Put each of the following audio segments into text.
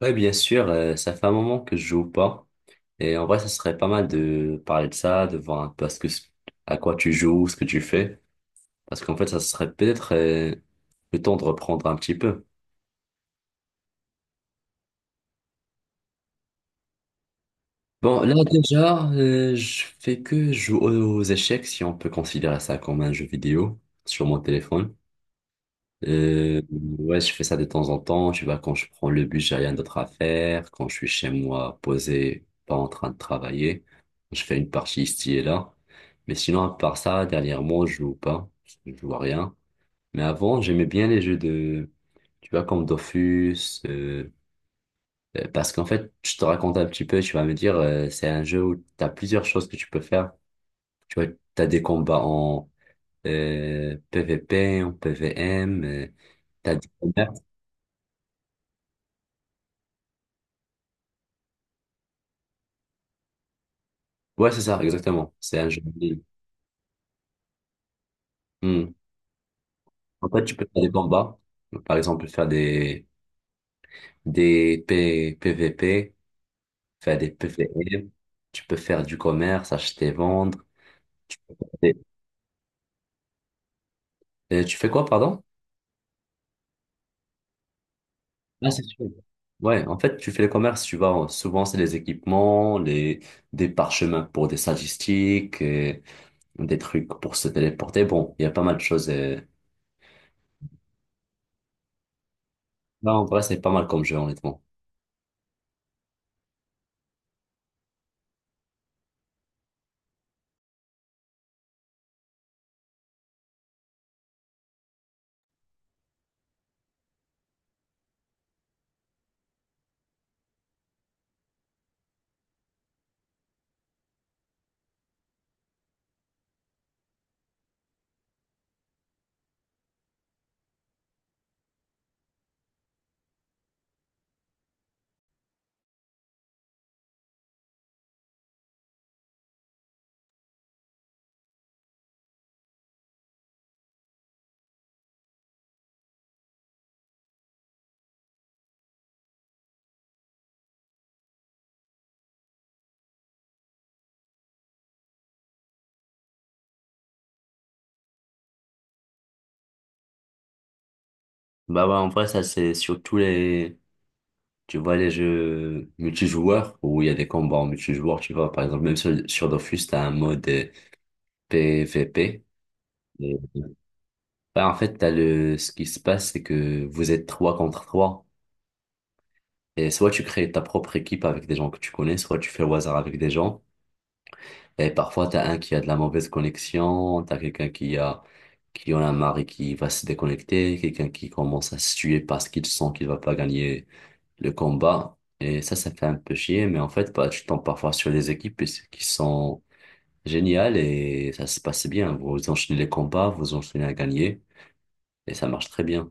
Ouais, bien sûr, ça fait un moment que je joue pas. Et en vrai, ça serait pas mal de parler de ça, de voir un peu à quoi tu joues, ce que tu fais. Parce qu'en fait, ça serait peut-être le temps de reprendre un petit peu. Bon, là, déjà, je fais que jouer aux échecs, si on peut considérer ça comme un jeu vidéo, sur mon téléphone. Ouais, je fais ça de temps en temps. Tu vois, quand je prends le bus, j'ai rien d'autre à faire. Quand je suis chez moi, posé, pas en train de travailler, je fais une partie ici et là. Mais sinon, à part ça, dernièrement, je joue pas. Je joue à rien. Mais avant, j'aimais bien les jeux de, tu vois, comme Dofus, euh, parce qu'en fait, je te raconte un petit peu, tu vas me dire, c'est un jeu où t'as plusieurs choses que tu peux faire. Tu vois, t'as des combats en PVP, en PVM, t'as des combats. Ouais, c'est ça, exactement. C'est un jeu en ligne. Hmm. En fait, tu peux faire des combats. Par exemple, faire des PVP, faire des PVE. Tu peux faire du commerce, acheter, vendre. Et, et tu fais quoi, pardon? Ah, c'est sûr. Ouais, en fait, tu fais le commerce, tu vas souvent, c'est les équipements, des parchemins pour des statistiques, et des trucs pour se téléporter. Bon, il y a pas mal de choses. Non, en vrai, c'est pas mal comme jeu, honnêtement. Bah ouais, en vrai, ça, c'est sur tous les, tu vois, les jeux multijoueurs où il y a des combats en multijoueur, tu vois, par exemple, même sur Dofus, t'as un mode PVP. Et, bah, en fait, ce qui se passe, c'est que vous êtes trois contre trois. Et soit tu crées ta propre équipe avec des gens que tu connais, soit tu fais au hasard avec des gens. Et parfois, t'as un qui a de la mauvaise connexion, t'as quelqu'un qui en a marre et qui va se déconnecter, quelqu'un qui commence à se tuer parce qu'il sent qu'il va pas gagner le combat. Et ça fait un peu chier, mais en fait, bah, tu tombes parfois sur des équipes qui sont géniales et ça se passe bien. Vous enchaînez les combats, vous enchaînez à gagner et ça marche très bien.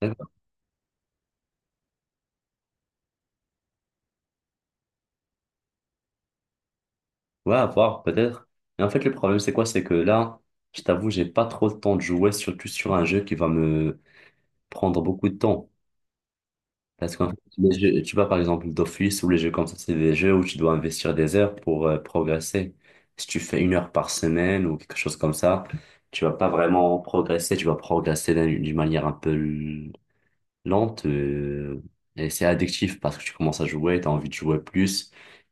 D'accord. Ouais, à voir, peut-être. Mais en fait, le problème, c'est quoi? C'est que là, je t'avoue, j'ai pas trop le temps de jouer, surtout sur un jeu qui va me prendre beaucoup de temps. Parce qu'en fait, tu vois, par exemple, d'office ou les jeux comme ça, c'est des jeux où tu dois investir des heures pour progresser. Si tu fais une heure par semaine ou quelque chose comme ça, tu vas pas vraiment progresser, tu vas progresser d'une manière un peu lente et c'est addictif parce que tu commences à jouer, tu as envie de jouer plus.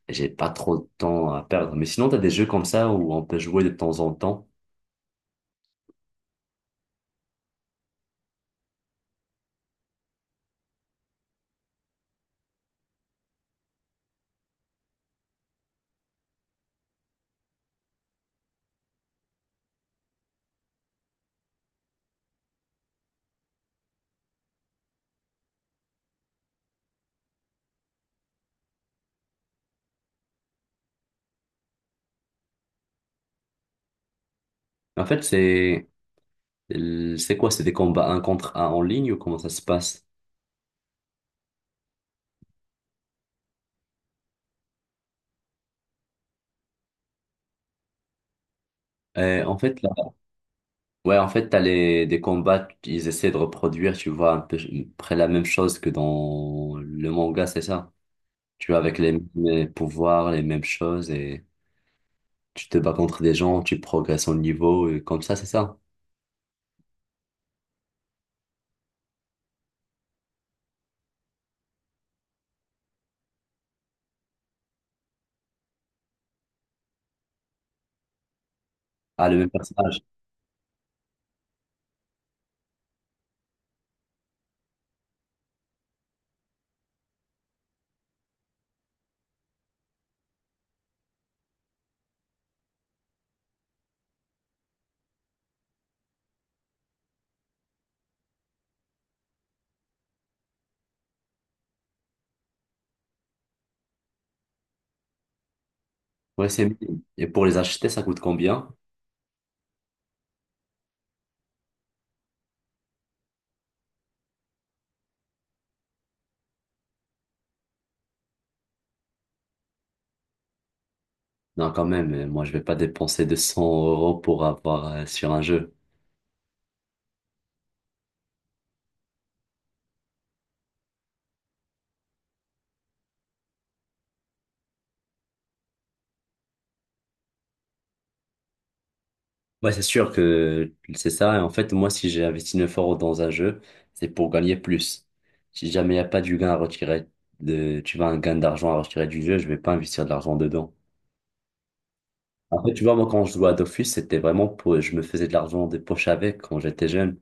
Et j'ai pas trop de temps à perdre. Mais sinon, tu as des jeux comme ça où on peut jouer de temps en temps. En fait, c'est quoi? C'est des combats un contre un en ligne ou comment ça se passe? En fait, ouais, en fait, t'as des combats, ils essaient de reproduire, tu vois, un peu près la même chose que dans le manga, c'est ça? Tu vois, avec les mêmes pouvoirs, les mêmes choses, et tu te bats contre des gens, tu progresses en niveau, et comme ça, c'est ça? Ah, le même personnage. Ouais, c'est mignon. Et pour les acheter, ça coûte combien? Non, quand même, moi, je vais pas dépenser 200 € pour avoir sur un jeu. Ouais, c'est sûr que c'est ça. Et en fait, moi, si j'ai investi 9 € dans un jeu, c'est pour gagner plus. Si jamais il n'y a pas du gain à retirer, tu vois, un gain d'argent à retirer du jeu, je vais pas investir de l'argent dedans. En fait, tu vois, moi, quand je jouais à Dofus, c'était vraiment pour, je me faisais de l'argent des poches avec quand j'étais jeune.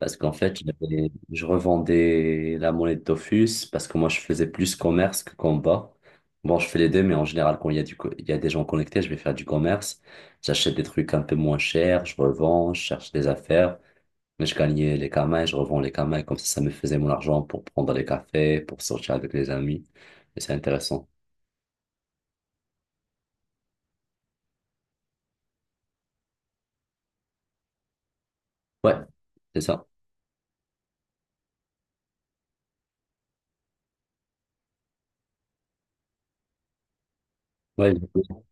Parce qu'en fait, je revendais la monnaie de Dofus parce que moi, je faisais plus commerce que combat. Bon, je fais les deux, mais en général, quand il y a des gens connectés, je vais faire du commerce. J'achète des trucs un peu moins chers, je revends, je cherche des affaires. Mais je gagnais les kamas et je revends les kamas. Et comme ça me faisait mon argent pour prendre des cafés, pour sortir avec les amis. Et c'est intéressant. Ouais, c'est ça. Ouais, exactement.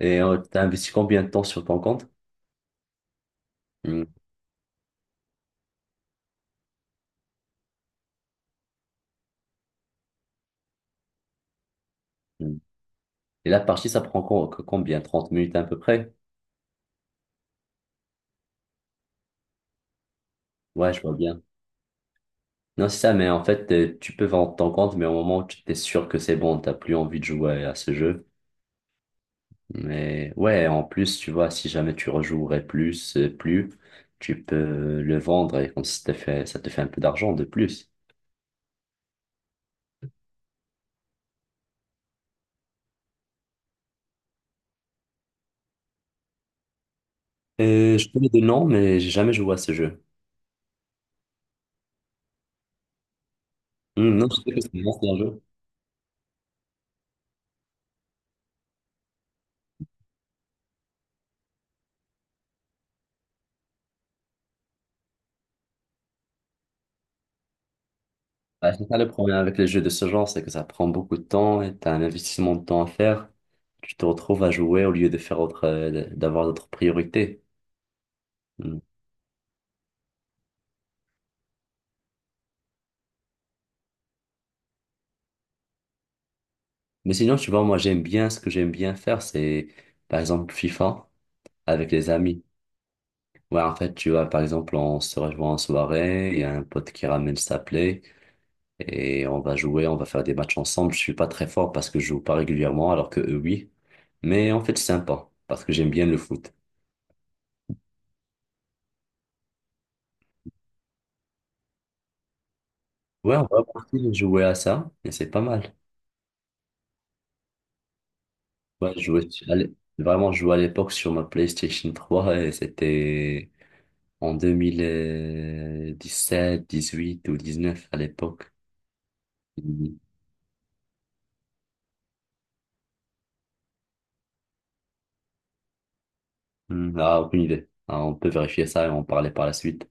Et t'as investi combien de temps sur ton compte? Mm. Et la partie, ça prend combien? 30 minutes à peu près? Ouais, je vois bien. Non, c'est ça, mais en fait, tu peux vendre ton compte, mais au moment où tu t'es sûr que c'est bon, t'as plus envie de jouer à ce jeu. Mais ouais, en plus, tu vois, si jamais tu rejouerais plus, tu peux le vendre et comme ça te fait un peu d'argent de plus. Je connais des noms, mais j'ai jamais joué à ce jeu. Hmm, non, je sais que c'est un ancien jeu. Bah, c'est ça le problème avec les jeux de ce genre, c'est que ça prend beaucoup de temps et t'as un investissement de temps à faire. Tu te retrouves à jouer au lieu de faire autre, d'avoir d'autres priorités. Mais sinon, tu vois, moi, j'aime bien ce que j'aime bien faire, c'est par exemple FIFA avec les amis. Ouais, en fait, tu vois, par exemple, on se rejoint en soirée, il y a un pote qui ramène sa play et on va jouer, on va faire des matchs ensemble. Je suis pas très fort parce que je joue pas régulièrement, alors que eux, oui. Mais en fait, c'est sympa parce que j'aime bien le foot. Ouais, on va partir de jouer à ça et c'est pas mal. Ouais, je jouais, vraiment, je jouais à l'époque sur ma PlayStation 3 et c'était en 2017, 2018 ou 2019 à l'époque. Mhm. Hmm, ah, aucune idée. Ah, on peut vérifier ça et en parler par la suite.